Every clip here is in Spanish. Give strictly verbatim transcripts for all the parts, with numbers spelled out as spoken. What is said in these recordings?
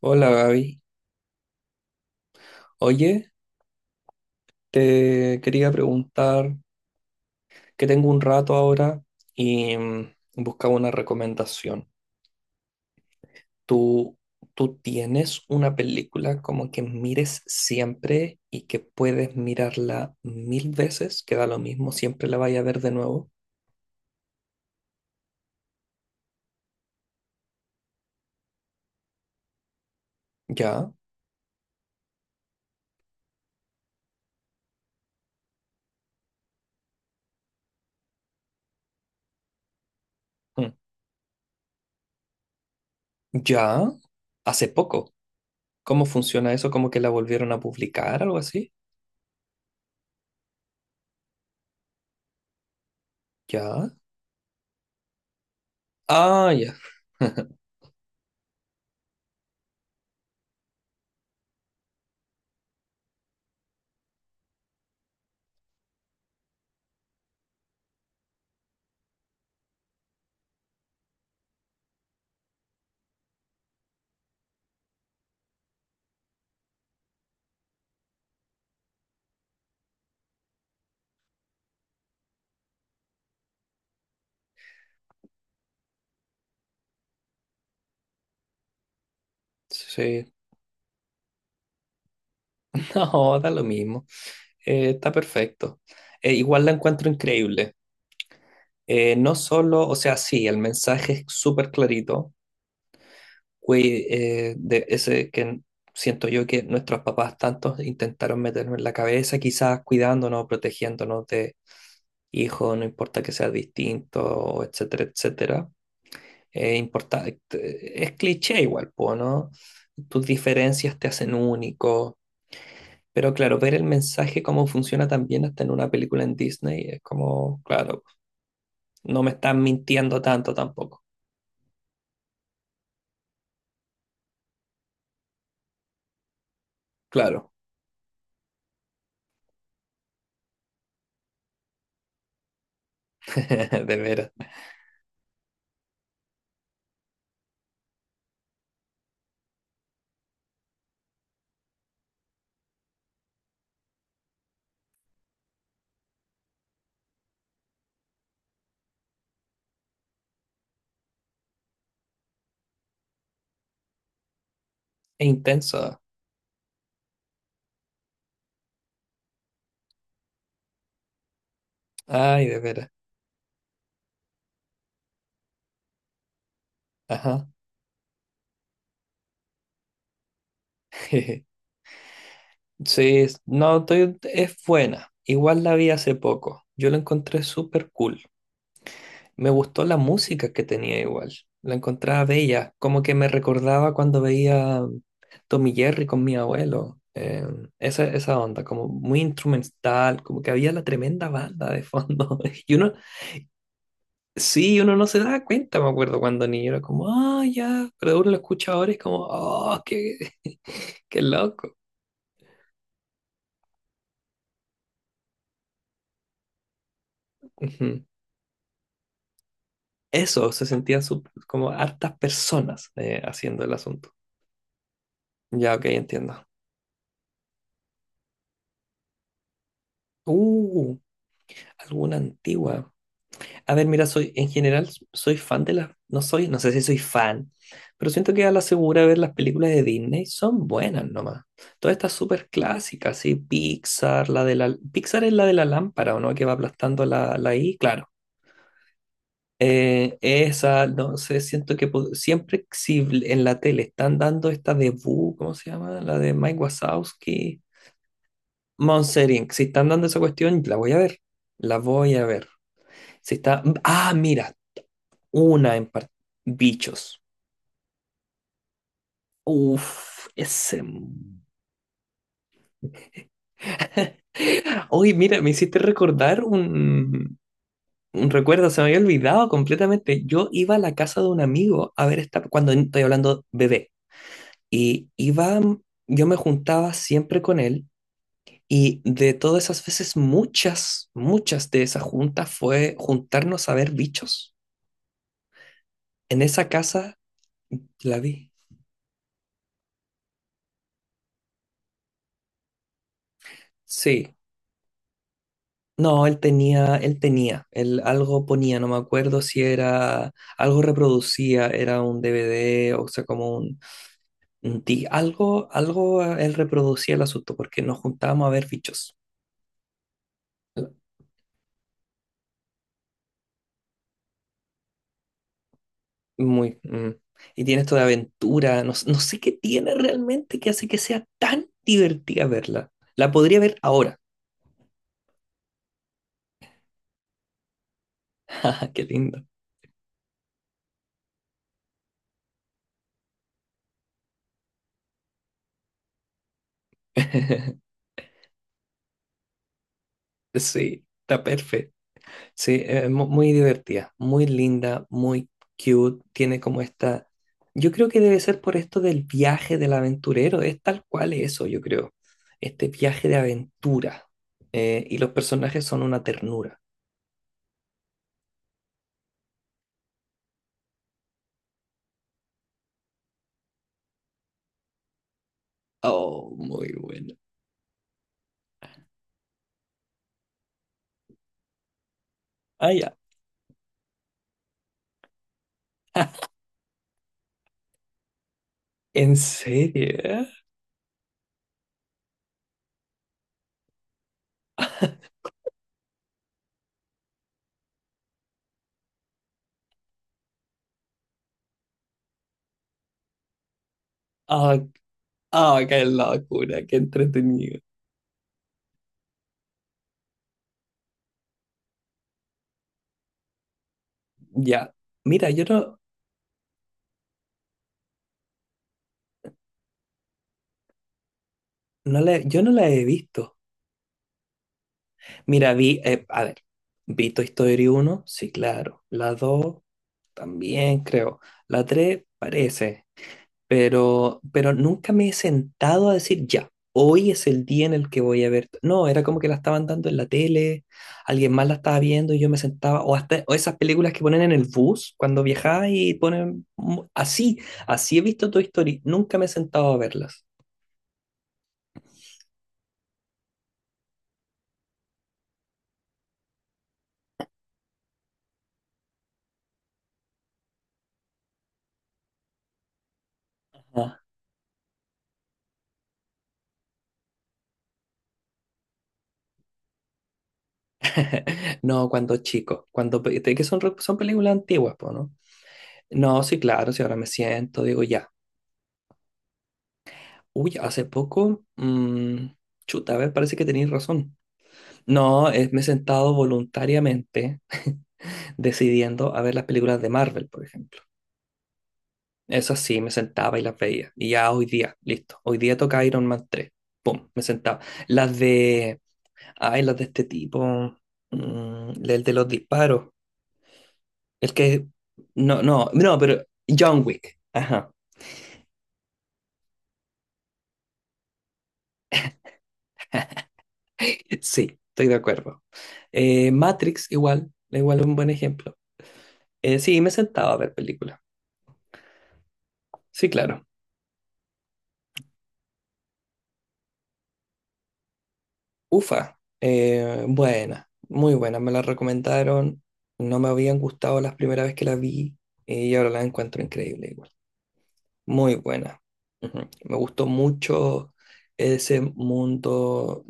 Hola Gaby. Oye, te quería preguntar que tengo un rato ahora y mm, buscaba una recomendación. ¿Tú, tú tienes una película como que mires siempre y que puedes mirarla mil veces, que da lo mismo, siempre la vaya a ver de nuevo? ¿Ya? Mm. ¿Ya? ¿Hace poco? ¿Cómo funciona eso? ¿Como que la volvieron a publicar, algo así? ¿Ya? Ah, ya. Sí. No, da lo mismo. Eh, está perfecto. Eh, igual la encuentro increíble. Eh, no solo, o sea, sí, el mensaje es súper clarito, güey, eh, de ese que siento yo que nuestros papás tantos intentaron meternos en la cabeza, quizás cuidándonos, protegiéndonos de hijos, no importa que seas distinto, etcétera, etcétera. Eh, importa, es cliché igual, po, ¿no? Tus diferencias te hacen único. Pero claro, ver el mensaje, cómo funciona también hasta en una película en Disney, es como, claro, no me están mintiendo tanto tampoco. Claro. De veras. Es intenso. Ay, de veras. Ajá. Sí, es- no, estoy- es buena. Igual la vi hace poco. Yo la encontré súper cool. Me gustó la música que tenía igual. La encontraba bella. Como que me recordaba cuando veía Tommy Jerry con mi abuelo. Eh, esa, esa onda, como muy instrumental, como que había la tremenda banda de fondo. Y uno, Sí, uno no se da cuenta, me acuerdo cuando niño era como, ah, ya, pero uno lo escucha ahora y es como, oh, qué, qué, loco. Ujú. Eso, se sentían su- como hartas personas eh, haciendo el asunto. Ya, ok, entiendo. Uh, alguna antigua. A ver, mira, soy, en general, soy fan de las, no soy, no sé si soy fan, pero siento que a la segura ver las películas de Disney son buenas nomás. Todas estas súper clásicas, sí, Pixar, la de la, Pixar es la de la lámpara, ¿o no? Que va aplastando la, la, I, claro. Eh, esa, no sé, siento que po- siempre si bl- en la tele están dando esta de Boo, ¿cómo se llama? La de Mike Wazowski, Monster inc. Si están dando esa cuestión, la voy a ver. La voy a ver. Si está. Ah, mira, una en par- Bichos. Uf, ese. Oye, mira, me hiciste recordar un, un recuerdo, se me había olvidado completamente. Yo iba a la casa de un amigo a ver esta, cuando estoy hablando bebé. Y iba, yo me juntaba siempre con él y de todas esas veces, muchas, muchas de esas juntas fue juntarnos a ver bichos. En esa casa la vi. Sí. No, él tenía, él tenía, él algo ponía, no me acuerdo si era, algo reproducía, era un D V D, o sea, como un, un di- algo, algo eh, él reproducía el asunto porque nos juntábamos a ver bichos. Muy. Mm. Y tiene esto de aventura. No, s- no sé qué tiene realmente que hace que sea tan divertida verla. La podría ver ahora. Jaja, qué lindo. Sí, está perfecto. Sí, eh, mu- muy divertida, muy linda, muy cute. Tiene como esta. Yo creo que debe ser por esto del viaje del aventurero. Es tal cual eso, yo creo. Este viaje de aventura. Eh, y los personajes son una ternura. Oh, muy bueno. Ah, ya. ¿En serio? Ah, ah, qué locura, qué entretenido. Ya. Mira, yo no, no la, yo no la he visto. Mira, vi, eh, a ver, vi Toy Story uno, sí, claro. La dos también creo. La tres parece. Pero, pero nunca me he sentado a decir, ya, hoy es el día en el que voy a ver. No, era como que la estaban dando en la tele, alguien más la estaba viendo y yo me sentaba, o hasta o esas películas que ponen en el bus cuando viajaba y ponen mm, así, así he visto Toy Story, nunca me he sentado a verlas. Ah. No, cuando chico, cuando pe- te- que son, re- son películas antiguas, po, ¿no? No, sí, claro, si ahora me siento, digo ya. Uy, hace poco, mm, chuta, a ver, parece que tenéis razón. No, es, me he sentado voluntariamente decidiendo a ver las películas de Marvel, por ejemplo. Eso sí, me sentaba y las veía. Y ya hoy día, listo. Hoy día toca Iron Man tres. Pum, me sentaba. Las de... Ay, las de este tipo. mm, el de los disparos. El que... No, no, no, pero John Wick. Ajá. Sí, estoy de acuerdo. Eh, Matrix igual, igual es un buen ejemplo. Eh, sí, me sentaba a ver películas. Sí, claro. Ufa, eh, buena, muy buena, me la recomendaron, no me habían gustado las primera vez que la vi eh, y ahora la encuentro increíble igual, muy buena. Ujú. Me gustó mucho ese mundo.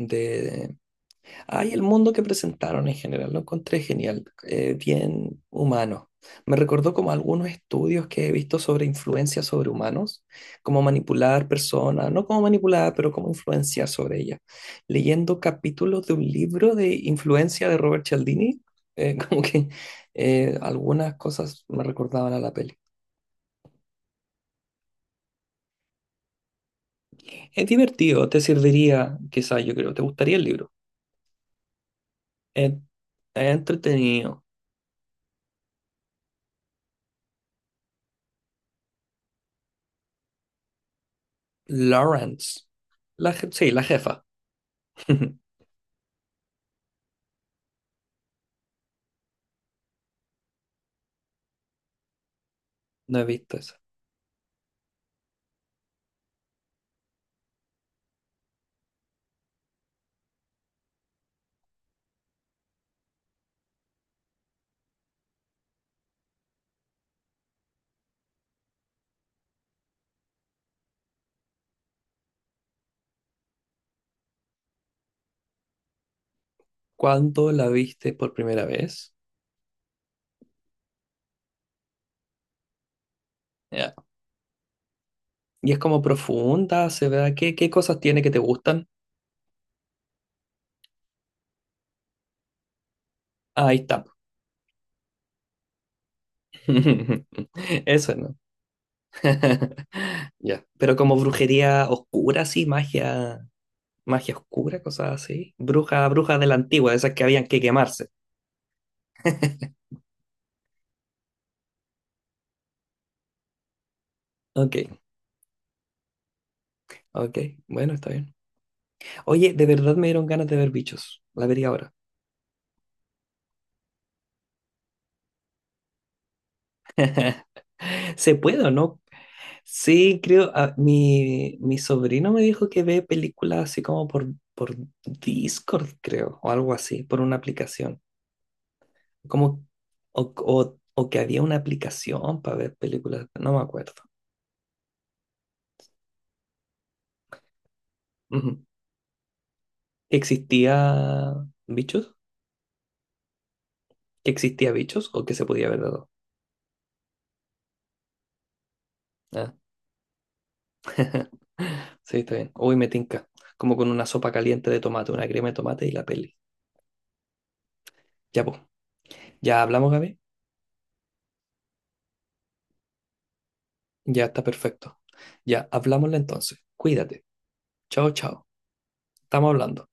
Ay, el mundo que presentaron en general lo encontré genial, eh, bien humano. Me recordó como algunos estudios que he visto sobre influencia sobre humanos, cómo manipular personas, no cómo manipular, pero cómo influenciar sobre ellas. Leyendo capítulos de un libro de influencia de Robert Cialdini, eh, como que eh, algunas cosas me recordaban a la peli. Es divertido, te serviría, quizás yo creo, te gustaría el libro. Es es entretenido. Lawrence, la, je- sí, la jefa. No he visto eso. ¿Cuándo la viste por primera vez? Ya. Y es como profunda, se ve. ¿Qué, qué, cosas tiene que te gustan? Ah, ahí está. Eso no. Ya. Pero como brujería oscura, sí, magia, magia oscura, cosas así. Bruja, bruja de la antigua, de esas que habían que quemarse. Ok, ok. Bueno, está bien. Oye, de verdad me dieron ganas de ver bichos. La vería ahora. ¿Se puede o no? Sí, creo, ah, mi, mi sobrino me dijo que ve películas así como por, por Discord, creo, o algo así, por una aplicación. Como, o, o- o que había una aplicación para ver películas, no me acuerdo. Ujú. ¿Existía Bichos? ¿Que existía Bichos o que se podía ver de dos? Ah, sí, está bien. Uy, me tinca. Como con una sopa caliente de tomate, una crema de tomate y la peli. Ya, pues. ¿Ya hablamos, Gaby? Ya está perfecto. Ya, hablámosle entonces. Cuídate. Chao, chao. Estamos hablando.